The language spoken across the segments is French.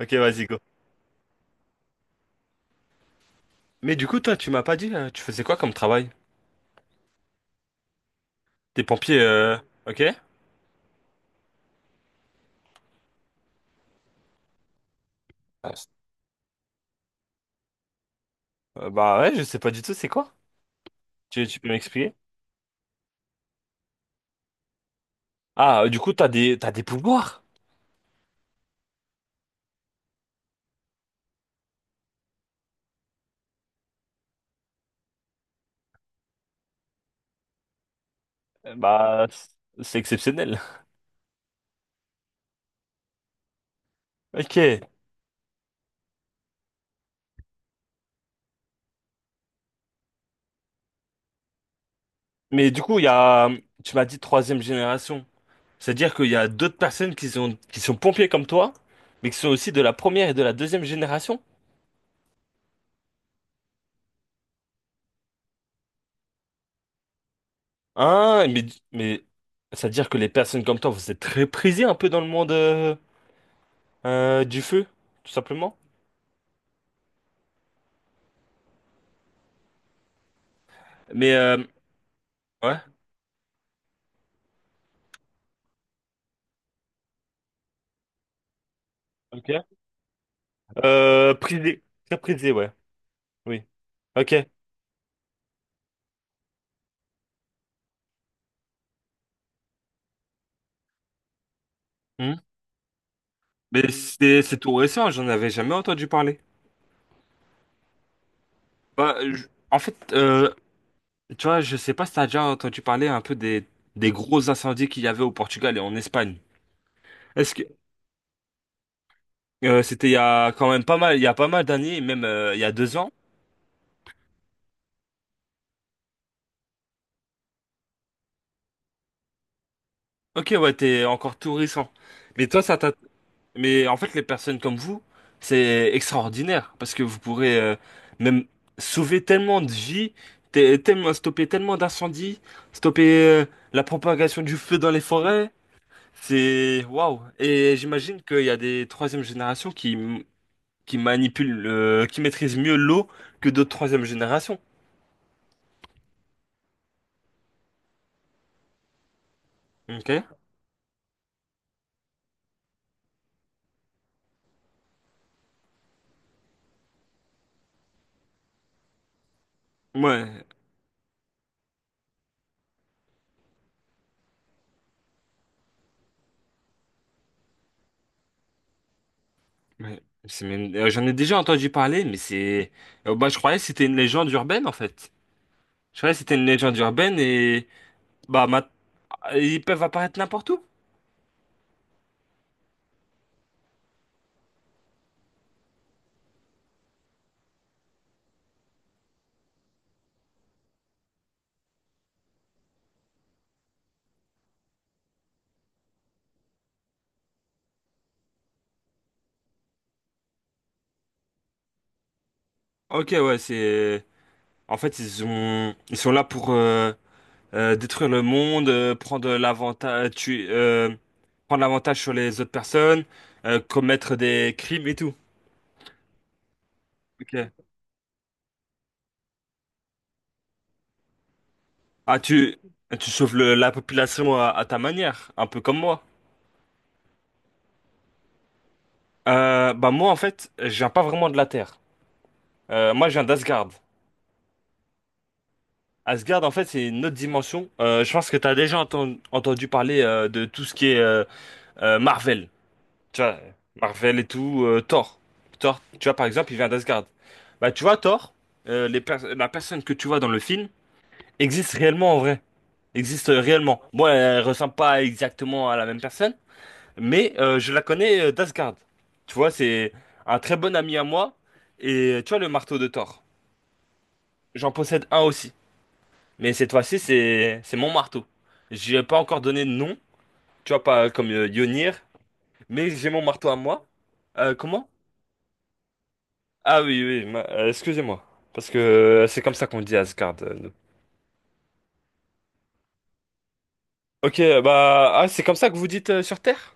Ok, vas-y, go. Mais du coup, toi, tu m'as pas dit, tu faisais quoi comme travail? T'es pompier, ok? Ah, c'est- bah ouais, je sais pas du tout, c'est quoi? Tu peux m'expliquer? Du coup, t'as des pouvoirs? Bah, c'est exceptionnel. Ok. Mais du coup, il y a, tu m'as dit troisième génération. C'est-à-dire qu'il y a d'autres personnes qui sont pompiers comme toi, mais qui sont aussi de la première et de la deuxième génération? Ah, mais, mais, c'est-à-dire que les personnes comme toi, vous êtes très prisées un peu dans le monde, du feu, tout simplement? Mais ouais, ok. Prisé, très prisé, ouais. Oui. Ok. Hmm. Mais c'est tout récent, j'en avais jamais entendu parler. Bah, je- en fait, euh, Tu vois, je sais pas si t'as déjà entendu parler un peu des gros incendies qu'il y avait au Portugal et en Espagne. Est-ce que c'était il y a quand même pas mal, il y a pas mal d'années, même il y a 2 ans. Ok, ouais, t'es encore tout récent. Mais toi, ça t'a Mais en fait, les personnes comme vous, c'est extraordinaire parce que vous pourrez même sauver tellement de vies, tellement, stopper tellement d'incendies, stopper euh, la propagation du feu dans les forêts. C'est waouh! Et j'imagine qu'il y a des troisième générations qui manipulent, qui maîtrisent mieux l'eau que d'autres troisième générations. Ok? Ouais. Ouais. J'en ai déjà entendu parler, mais je croyais que c'était une légende urbaine en fait. Je croyais que c'était une légende urbaine Bah, ma- Ils peuvent apparaître n'importe où. Ok, ouais, c'est. En fait, ils sont là pour détruire le monde, prendre l'avantage, prendre l'avantage sur les autres personnes, commettre des crimes et tout. Ok. Ah, tu, Tu sauves la population à ta manière, un peu comme moi. Bah moi en fait, je viens pas vraiment de la Terre. Moi, je viens d'Asgard. Asgard, en fait, c'est une autre dimension. Je pense que t'as déjà entendu parler de tout ce qui est Marvel. Tu vois, Marvel et tout, Thor. Thor, tu vois, par exemple, il vient d'Asgard. Bah, tu vois, Thor, la personne que tu vois dans le film existe réellement en vrai. Existe réellement. Bon, elle ressemble pas exactement à la même personne, mais je la connais d'Asgard. Tu vois, c'est un très bon ami à moi. Et tu vois, le marteau de Thor. J'en possède un aussi. Mais cette fois-ci, c'est mon marteau. J'ai pas encore donné de nom, tu vois, pas comme Yonir, mais j'ai mon marteau à moi. Comment? Ah oui, oui, excusez-moi. Parce que c'est comme ça qu'on dit Asgard. Nous. Ok, bah, ah, c'est comme ça que vous dites sur Terre?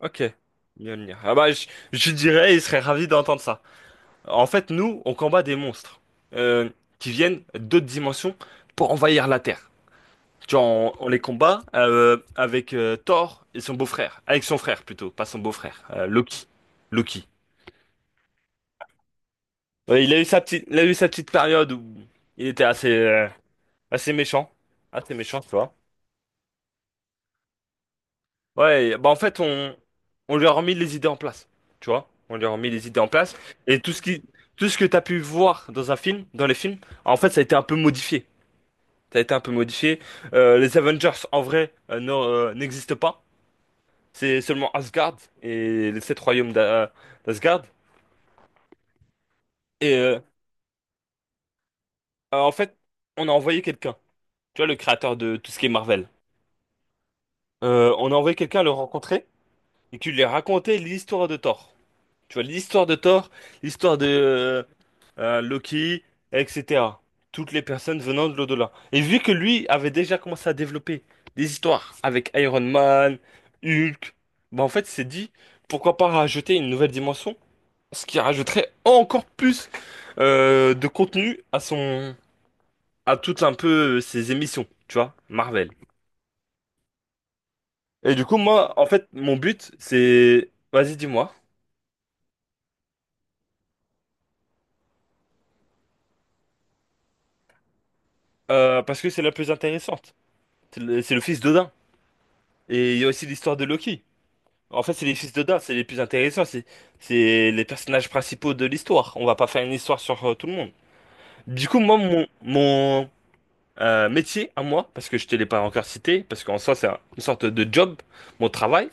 Ok. Mjolnir. Je dirais, il serait ravi d'entendre ça. En fait, nous, on combat des monstres euh, qui viennent d'autres dimensions pour envahir la Terre. Tu vois, on les combat avec Thor et son beau-frère. Avec son frère, plutôt, pas son beau-frère. Loki. Loki. Ouais, il a eu sa petite période où il était assez, assez méchant. Assez méchant, tu vois. Ouais, bah en fait, on lui a remis les idées en place. Tu vois? On lui a remis les idées en place. Et tout ce que t'as pu voir dans un film, dans les films, en fait, ça a été un peu modifié. Ça a été un peu modifié. Les Avengers, en vrai, n'existent pas. C'est seulement Asgard et les sept royaumes d'Asgard. Et euh, En fait, on a envoyé quelqu'un. Tu vois, le créateur de tout ce qui est Marvel. On a envoyé quelqu'un le rencontrer et qui lui a raconté l'histoire de Thor. Tu vois, l'histoire de Thor, l'histoire de Loki, etc. Toutes les personnes venant de l'au-delà. Et vu que lui avait déjà commencé à développer des histoires avec Iron Man, Hulk, bah en fait, il s'est dit, pourquoi pas rajouter une nouvelle dimension, ce qui rajouterait encore plus de contenu à son, à toutes un peu ses émissions, tu vois, Marvel. Et du coup, moi, en fait, mon but, c'est, vas-y, dis-moi, parce que c'est la plus intéressante. C'est c'est le fils d'Odin. Et il y a aussi l'histoire de Loki. En fait, c'est les fils d'Odin, c'est les plus intéressants, c'est les personnages principaux de l'histoire. On va pas faire une histoire sur tout le monde. Du coup, mon métier à moi, parce que je te l'ai pas encore cité, parce qu'en soi, c'est une sorte de job, mon travail,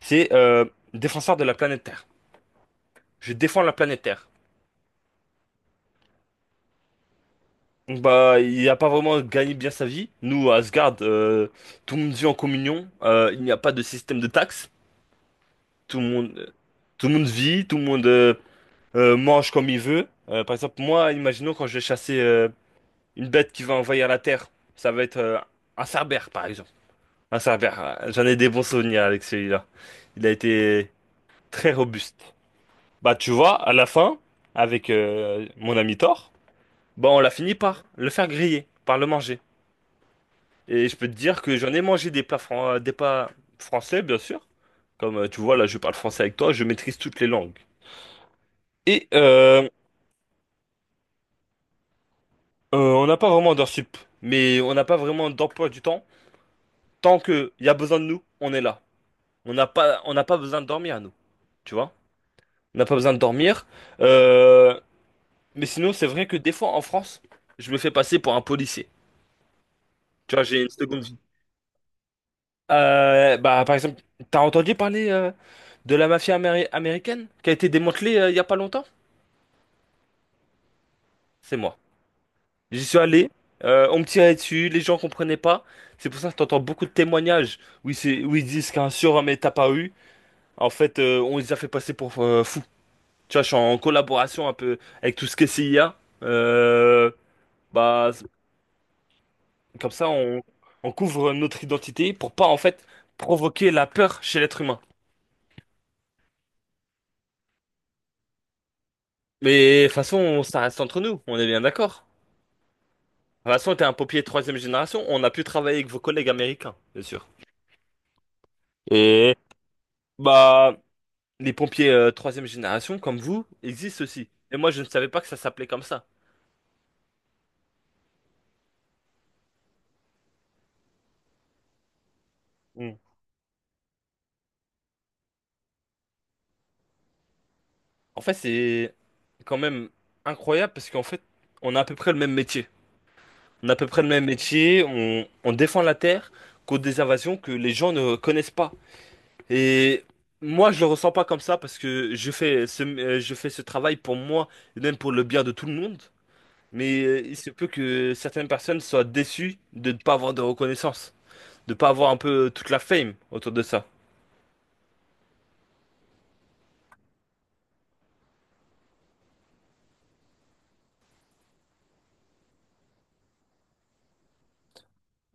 c'est défenseur de la planète Terre. Je défends la planète Terre. Donc, bah, il a pas vraiment gagné bien sa vie. Nous, à Asgard, tout le monde vit en communion. Il n'y a pas de système de taxes. Tout le monde, euh, tout le monde vit, tout le monde mange comme il veut. Par exemple, moi, imaginons quand je vais chasser une bête qui va envahir la Terre, ça va être un cerbère, par exemple. Un cerbère, j'en ai des bons souvenirs avec celui-là. Il a été très robuste. Bah, tu vois, à la fin, avec mon ami Thor, bah, on l'a fini par le faire griller, par le manger. Et je peux te dire que j'en ai mangé des plats, des plats français, bien sûr. Comme tu vois, là, je parle français avec toi, je maîtrise toutes les langues. Et euh, on n'a pas vraiment d'heures sup, mais on n'a pas vraiment d'emploi du temps. Tant qu'il y a besoin de nous, on est là. On n'a pas besoin de dormir à nous, tu vois? On n'a pas besoin de dormir. Euh, mais sinon, c'est vrai que des fois en France, je me fais passer pour un policier. Tu vois, j'ai une seconde vie. Bah, par exemple, t'as entendu parler de la mafia américaine qui a été démantelée il y a pas longtemps? C'est moi. J'y suis allé, on me tirait dessus, les gens comprenaient pas. C'est pour ça que t'entends beaucoup de témoignages où où ils disent qu'un surhomme est apparu. En fait, on les a fait passer pour fous. Tu vois, je suis en collaboration un peu avec tout ce que CIA. Euh, bah, c- Comme ça, on couvre notre identité pour pas, en fait, provoquer la peur chez l'être humain. Mais de toute façon, ça reste entre nous, on est bien d'accord. De toute façon, t'es un pompier troisième génération, on a pu travailler avec vos collègues américains, bien sûr. Et bah, les pompiers troisième génération, comme vous, existent aussi. Et moi, je ne savais pas que ça s'appelait comme ça. En fait, c'est quand même incroyable parce qu'en fait, on a à peu près le même métier. On a à peu près le même métier, on défend la terre contre des invasions que les gens ne connaissent pas. Et moi, je le ressens pas comme ça parce que je fais je fais ce travail pour moi et même pour le bien de tout le monde. Mais il se peut que certaines personnes soient déçues de ne pas avoir de reconnaissance, de ne pas avoir un peu toute la fame autour de ça.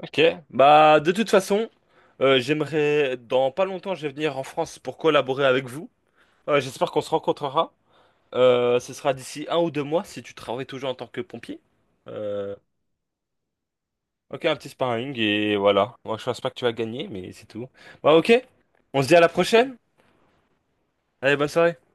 Ok, bah de toute façon, j'aimerais dans pas longtemps, je vais venir en France pour collaborer avec vous. J'espère qu'on se rencontrera. Ce sera d'ici 1 ou 2 mois si tu travailles toujours en tant que pompier. Euh, ok, un petit sparring et voilà. Moi, je pense pas que tu vas gagner, mais c'est tout. Bah ok, on se dit à la prochaine. Allez, bonne soirée.